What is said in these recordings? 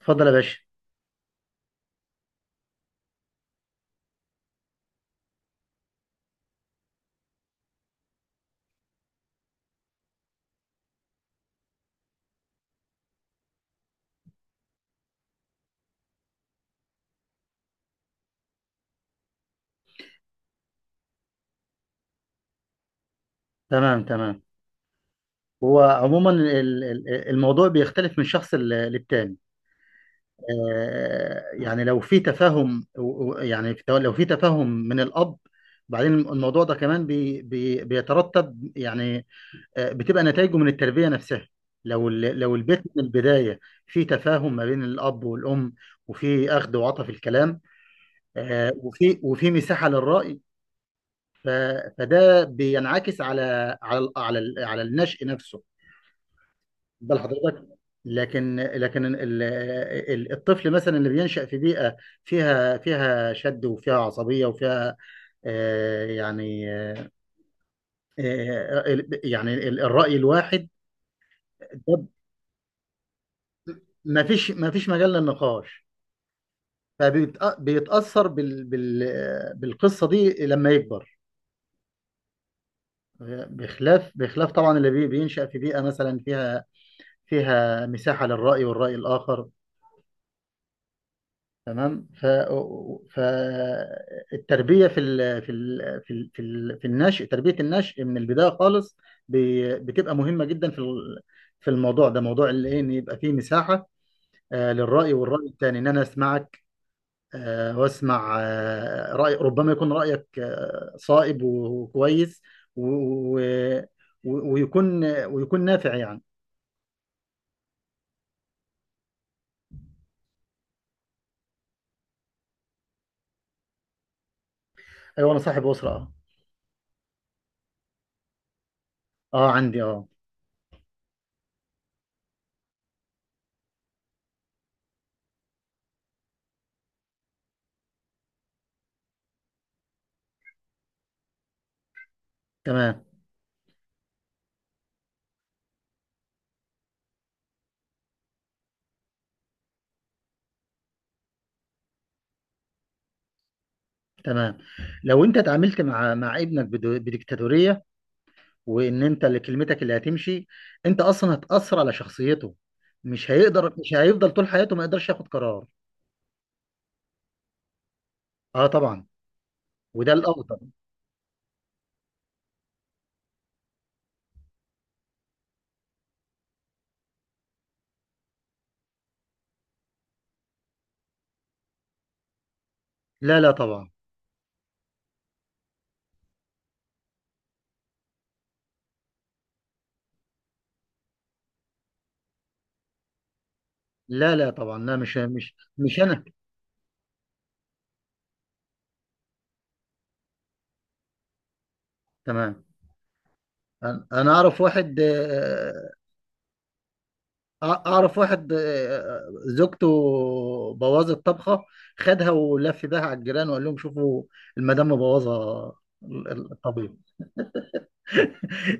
اتفضل يا باشا. تمام، تمام. هو عموما الموضوع بيختلف من شخص للتاني. يعني لو في تفاهم لو في تفاهم من الأب. بعدين الموضوع ده كمان بي بي بيترتب يعني. بتبقى نتائجه من التربية نفسها. لو لو البيت من البداية في تفاهم ما بين الأب والأم، وفي أخذ وعطا في الكلام، وفي مساحة للرأي. ف- فده بينعكس على النشء نفسه. بل حضرتك، لكن الطفل مثلا اللي بينشأ في بيئة فيها شد، وفيها عصبية، وفيها آه، يعني آه، الرأي الواحد. ده ما فيش مجال للنقاش. فبيتأثر بالقصة دي لما يكبر. بخلاف طبعا اللي بينشأ في بيئة مثلا فيها مساحة للرأي والرأي الآخر. تمام. فالتربيه في النشء، تربيه النشء من البدايه خالص ب... بتبقى مهمه جدا في في الموضوع ده، موضوع اللي ان يبقى فيه مساحه للراي والراي الثاني، ان انا اسمعك، واسمع راي، ربما يكون رايك صائب وكويس، و... و... ويكون نافع يعني. ايوه، انا صاحب اسره، اه. عندي، اه. تمام، تمام. لو انت اتعاملت مع ابنك بديكتاتورية، وان انت اللي كلمتك اللي هتمشي، انت اصلا هتأثر على شخصيته. مش هيفضل طول حياته ما يقدرش ياخد قرار. اه، طبعا. وده الافضل. لا، لا، طبعا، لا، لا، طبعا، لا، مش انا. تمام. انا اعرف واحد، اعرف واحد، زوجته بوظت طبخة، خدها ولف بيها على الجيران وقال لهم: شوفوا المدام مبوظة الطبيخ.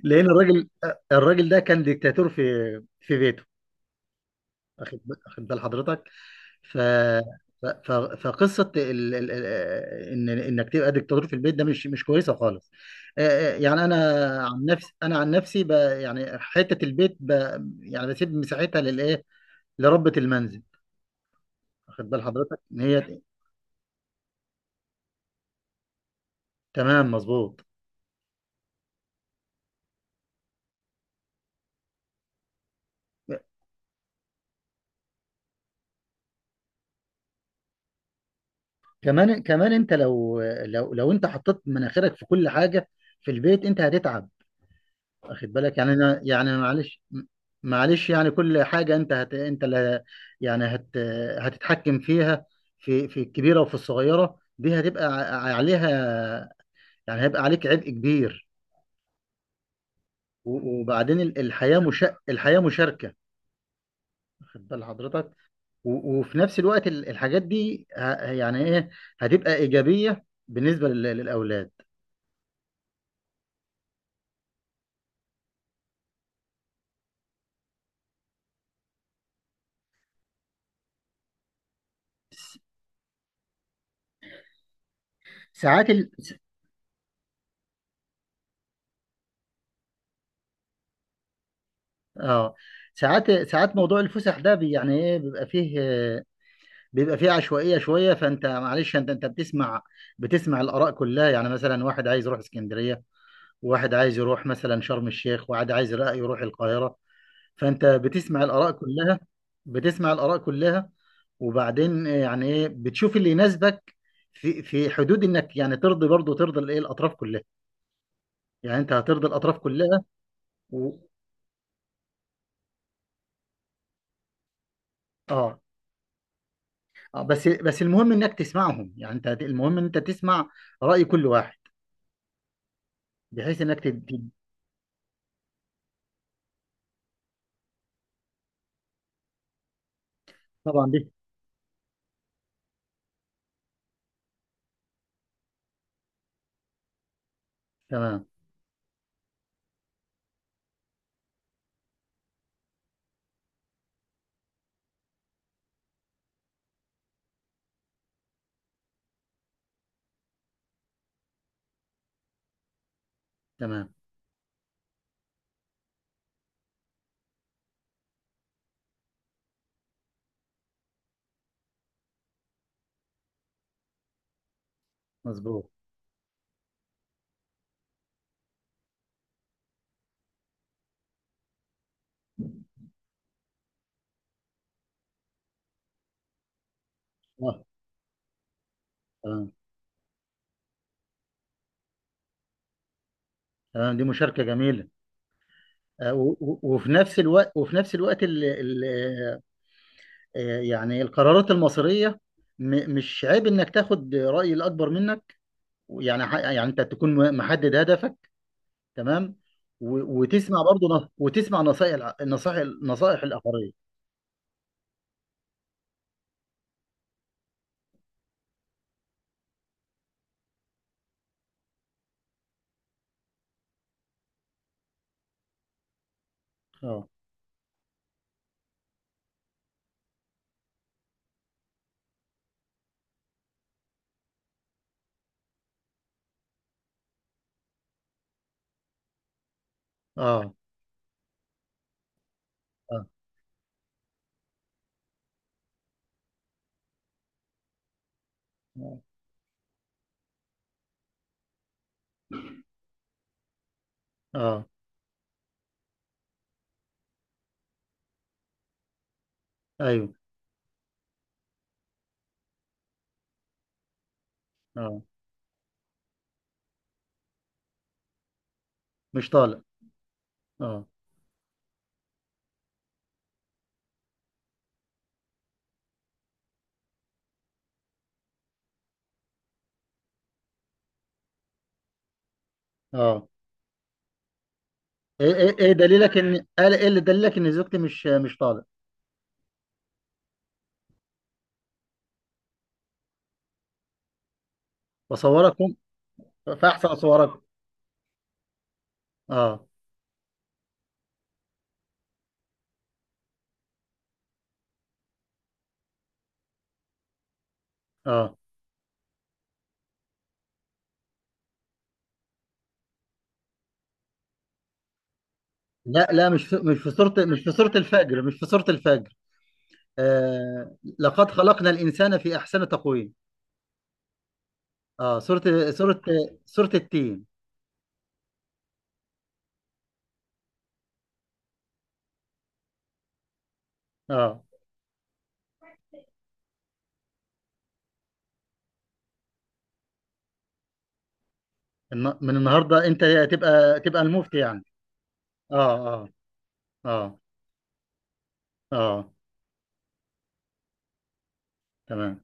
لان الراجل ده كان ديكتاتور في بيته. واخد واخد بال حضرتك. ف ف- ف- فقصه ان انك تبقى ديكتاتور في البيت، ده مش كويسه خالص. يعني انا عن نفسي، ب... يعني حته البيت، يعني بسيب مساحتها للايه، لربة المنزل. واخد بال حضرتك ان هي. تمام، مظبوط. كمان انت لو انت حطيت مناخيرك في كل حاجه في البيت، انت هتتعب. واخد بالك؟ يعني انا يعني معلش، معلش، يعني كل حاجه انت هت انت اللي يعني هت هتتحكم فيها، في الكبيره وفي الصغيره، دي هتبقى عليها. يعني هيبقى عليك عبء كبير. وبعدين الحياه، مش الحياه مشاركه. واخد بال حضرتك. وفي نفس الوقت الحاجات دي يعني ايه هتبقى ايجابيه بالنسبه للاولاد. س- ساعات اه. ساعات موضوع الفسح ده يعني ايه بيبقى فيه، بيبقى فيه عشوائية شوية. فانت معلش انت بتسمع الآراء كلها. يعني مثلا واحد عايز يروح اسكندرية، وواحد عايز يروح مثلا شرم الشيخ، وواحد عايز رأي يروح القاهرة. فانت بتسمع الآراء كلها، بتسمع الآراء كلها. وبعدين يعني ايه بتشوف اللي يناسبك في حدود انك يعني ترضي، برضه ترضي الايه الاطراف كلها. يعني انت هترضي الاطراف كلها. و... اه. بس المهم انك تسمعهم. يعني انت المهم ان انت تسمع رأي كل واحد، بحيث انك طبعا دي. تمام، تمام، مظبوط، اه. تمام، تمام، دي مشاركة جميلة. وفي نفس الوقت ال ال آه، آه، يعني القرارات المصيرية مش عيب انك تاخد رأي الاكبر منك. يعني يعني انت تكون محدد هدفك، تمام. وتسمع نصائح الع- النصائح نصائح الاخرين. اه، اه، اه، اه. آه، ايوه، اه. مش طالق. اه، اه. ايه ايه إيه دليلك؟ ان قال ايه؟ اللي دليلك ان زوجتي مش طالق؟ بصورك. فاحسن صورك. اه، اه. لا، لا، مش في مش في صورة مش في صورة الفجر مش في صورة الفجر. آه، لقد خلقنا الإنسان في أحسن تقويم. اه، صورة التين. اه. من النهارده أنت تبقى المفتي يعني. اه، اه، اه، اه. تمام.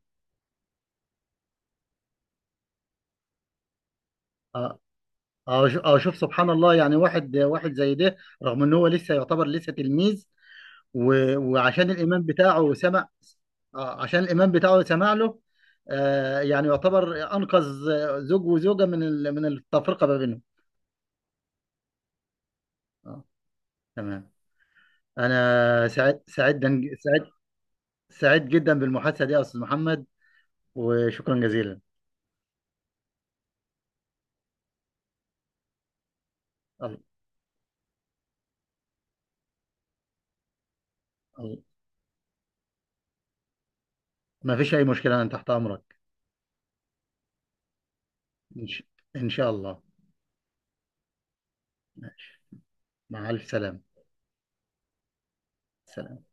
اه، اه. شوف سبحان الله. يعني واحد زي ده، رغم ان هو لسه يعتبر لسه تلميذ، و- وعشان الإمام بتاعه سمع آه، عشان الإمام بتاعه سمع له. يعني يعتبر أنقذ زوج وزوجة من من التفرقة ما بينهم. آه. تمام. أنا سعيد سعيد دن- سعيد سعيد جدا بالمحادثة دي يا أستاذ محمد، وشكرا جزيلا. الله، الله. ما فيش أي مشكلة، أنا تحت أمرك. إن ش- إن شاء الله. مع ألف سلامة. سلام.